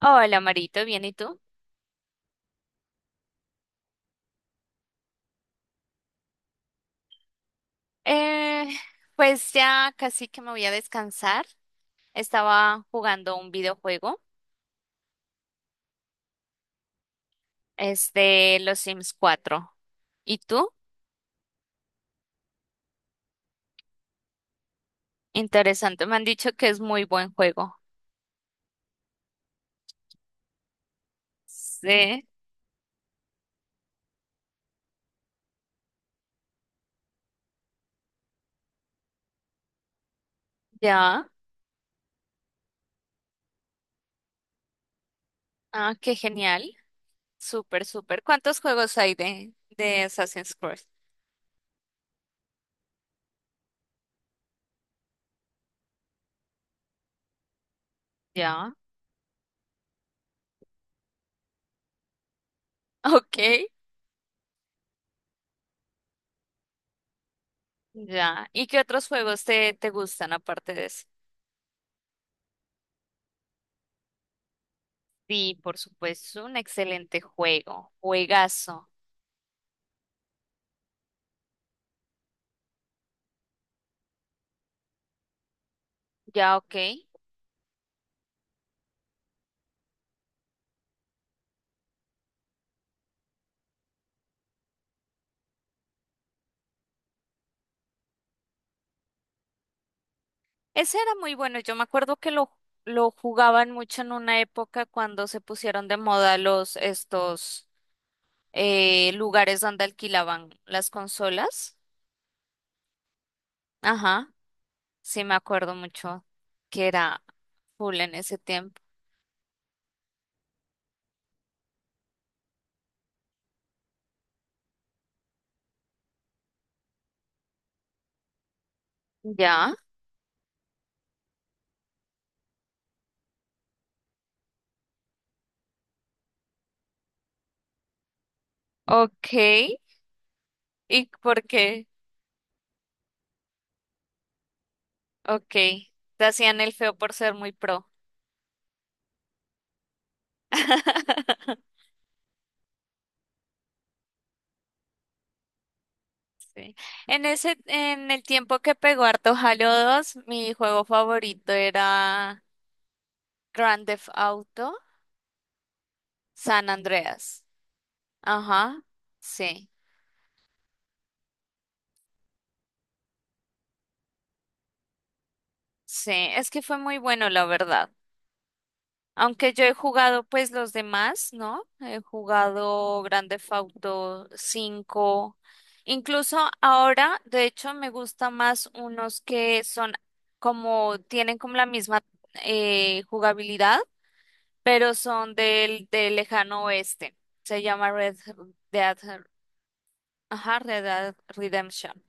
Hola, Marito, ¿bien y tú? Eh, pues ya casi que me voy a descansar. Estaba jugando un videojuego, es de los Sims 4. ¿Y tú? Interesante, me han dicho que es muy buen juego. Sí, ya. Ah, qué genial. Súper, súper. ¿Cuántos juegos hay de Assassin's Creed? Ya. Ok. Ya. ¿Y qué otros juegos te gustan aparte de eso? Sí, por supuesto, un excelente juego. Juegazo. Ya, ok. Ese era muy bueno. Yo me acuerdo que lo jugaban mucho en una época cuando se pusieron de moda los estos lugares donde alquilaban las consolas. Ajá. Sí, me acuerdo mucho que era full en ese tiempo. Ya. Ok. ¿Y por qué? Ok. Te hacían el feo por ser muy pro. Sí. En el tiempo que pegó harto Halo 2, mi juego favorito era Grand Theft Auto San Andreas. Ajá, sí, sí, es que fue muy bueno, la verdad. Aunque yo he jugado pues los demás, ¿no? He jugado Grand Theft Auto cinco. Incluso ahora, de hecho, me gusta más unos que son como, tienen como la misma jugabilidad, pero son del lejano oeste. Se llama Red Dead, ajá, Red Dead Redemption.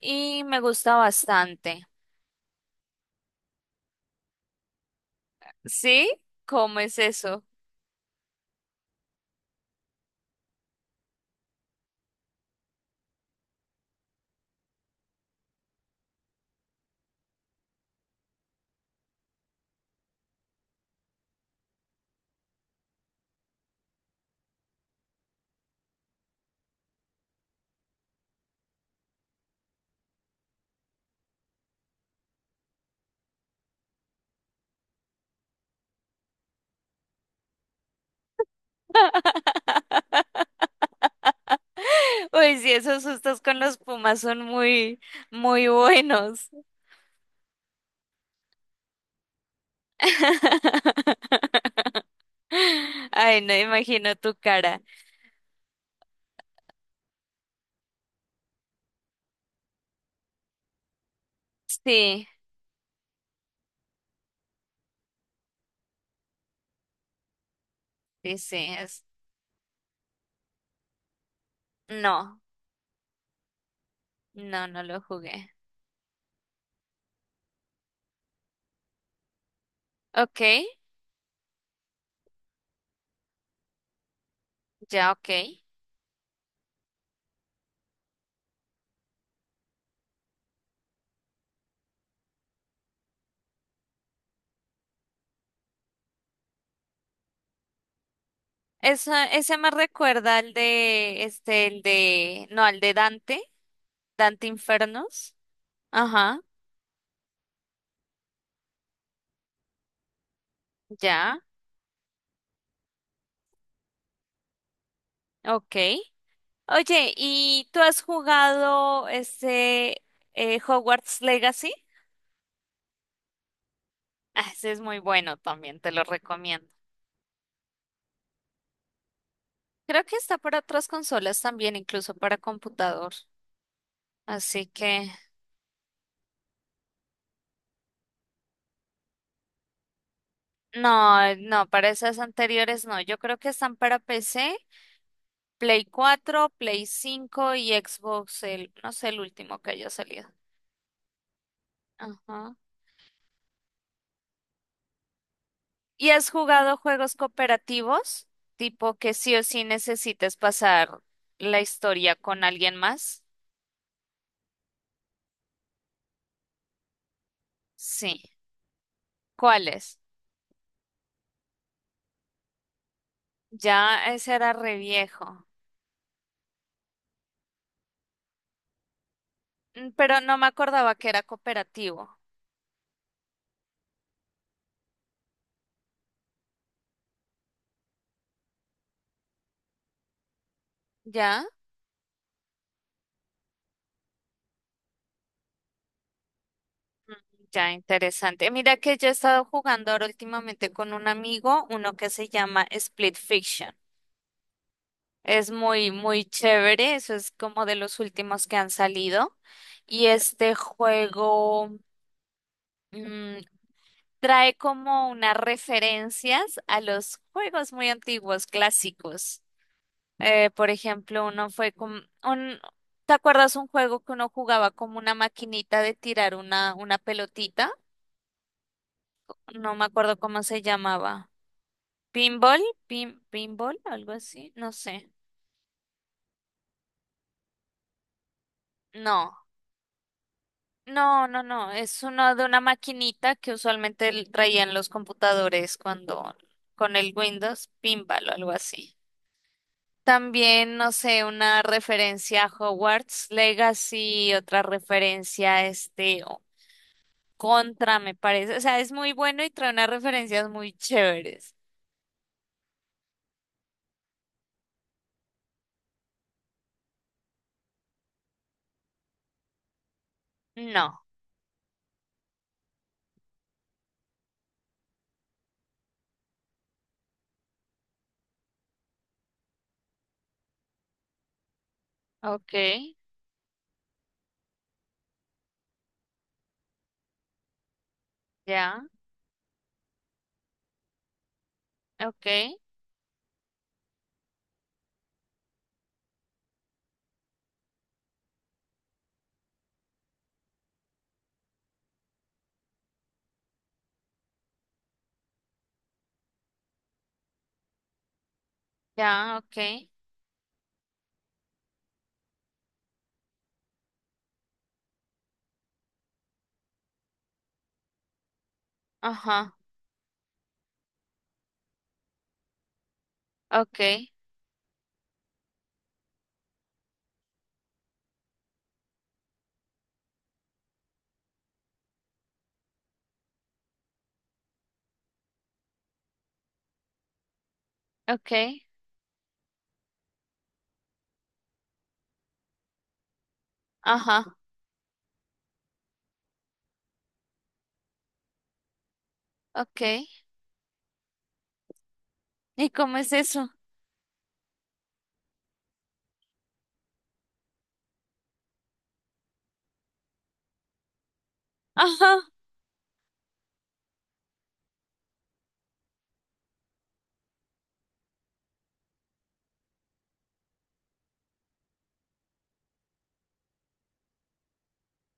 Y me gusta bastante. ¿Sí? ¿Cómo es eso? Uy, sí, esos sustos con los pumas son muy, muy buenos. Ay, no imagino tu cara. Sí, sí, sí, es- No, no, no lo jugué. Ok, ya, ok. Esa, ese me recuerda al de, este, el de, no, al de Dante, Dante Infernos. Ajá. Ya, ok. Oye, ¿y tú has jugado ese Hogwarts Legacy? Ah, ese es muy bueno también, te lo recomiendo. Creo que está para otras consolas también, incluso para computador. Así que, no, no, para esas anteriores no. Yo creo que están para PC, Play 4, Play 5 y Xbox, el, no sé, el último que haya salido. Ajá. ¿Y has jugado juegos cooperativos? Tipo que sí o sí necesites pasar la historia con alguien más. Sí. ¿Cuáles? Ya ese era re viejo. Mm, pero no me acordaba que era cooperativo. Ya, ya interesante. Mira que yo he estado jugando ahora últimamente con un amigo, uno que se llama Split Fiction. Es muy, muy chévere. Eso es como de los últimos que han salido. Y este juego. mm, Trae como unas referencias a los juegos muy antiguos, clásicos. Por ejemplo, uno fue como un, ¿te acuerdas un juego que uno jugaba como una maquinita de tirar una pelotita? No me acuerdo cómo se llamaba. ¿Pinball? ¿Pin, pinball? ¿Algo así? No sé. No. No, no, no. Es uno de una maquinita que usualmente l- traían los computadores cuando con el Windows, pinball o algo así. También, no sé, una referencia a Hogwarts Legacy, otra referencia a este o- Contra, me parece. O sea, es muy bueno y trae unas referencias muy chéveres. No. Ok, ya, ok, ya, ok, ajá, ok, ok, ajá, ok. ¿Y cómo es eso? Ajá,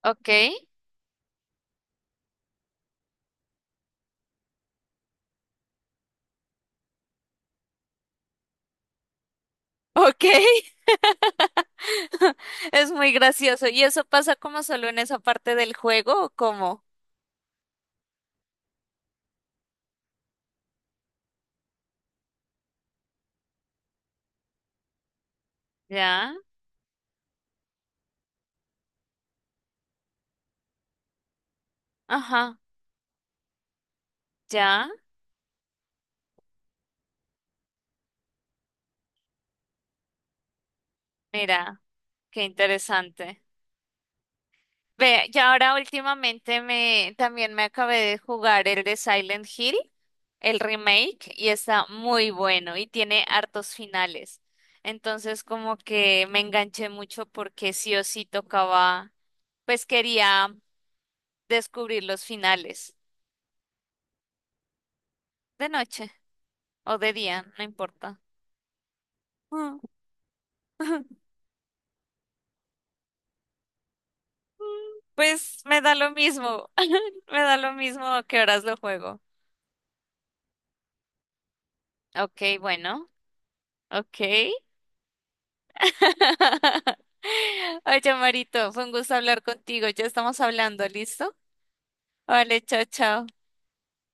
ok, ok. Es muy gracioso. ¿Y eso pasa como solo en esa parte del juego o cómo? Ya. Ajá, ya, mira, qué interesante. Ve, ya ahora últimamente me también me acabé de jugar el de Silent Hill, el remake, y está muy bueno y tiene hartos finales. Entonces como que me enganché mucho porque sí o sí tocaba, pues quería descubrir los finales de noche o de día, no importa. Mm. Pues me da lo mismo, me da lo mismo a qué horas lo juego. Ok, bueno, ok. Oye, Marito, fue un gusto hablar contigo. Ya estamos hablando, ¿listo? Vale, chao, chao.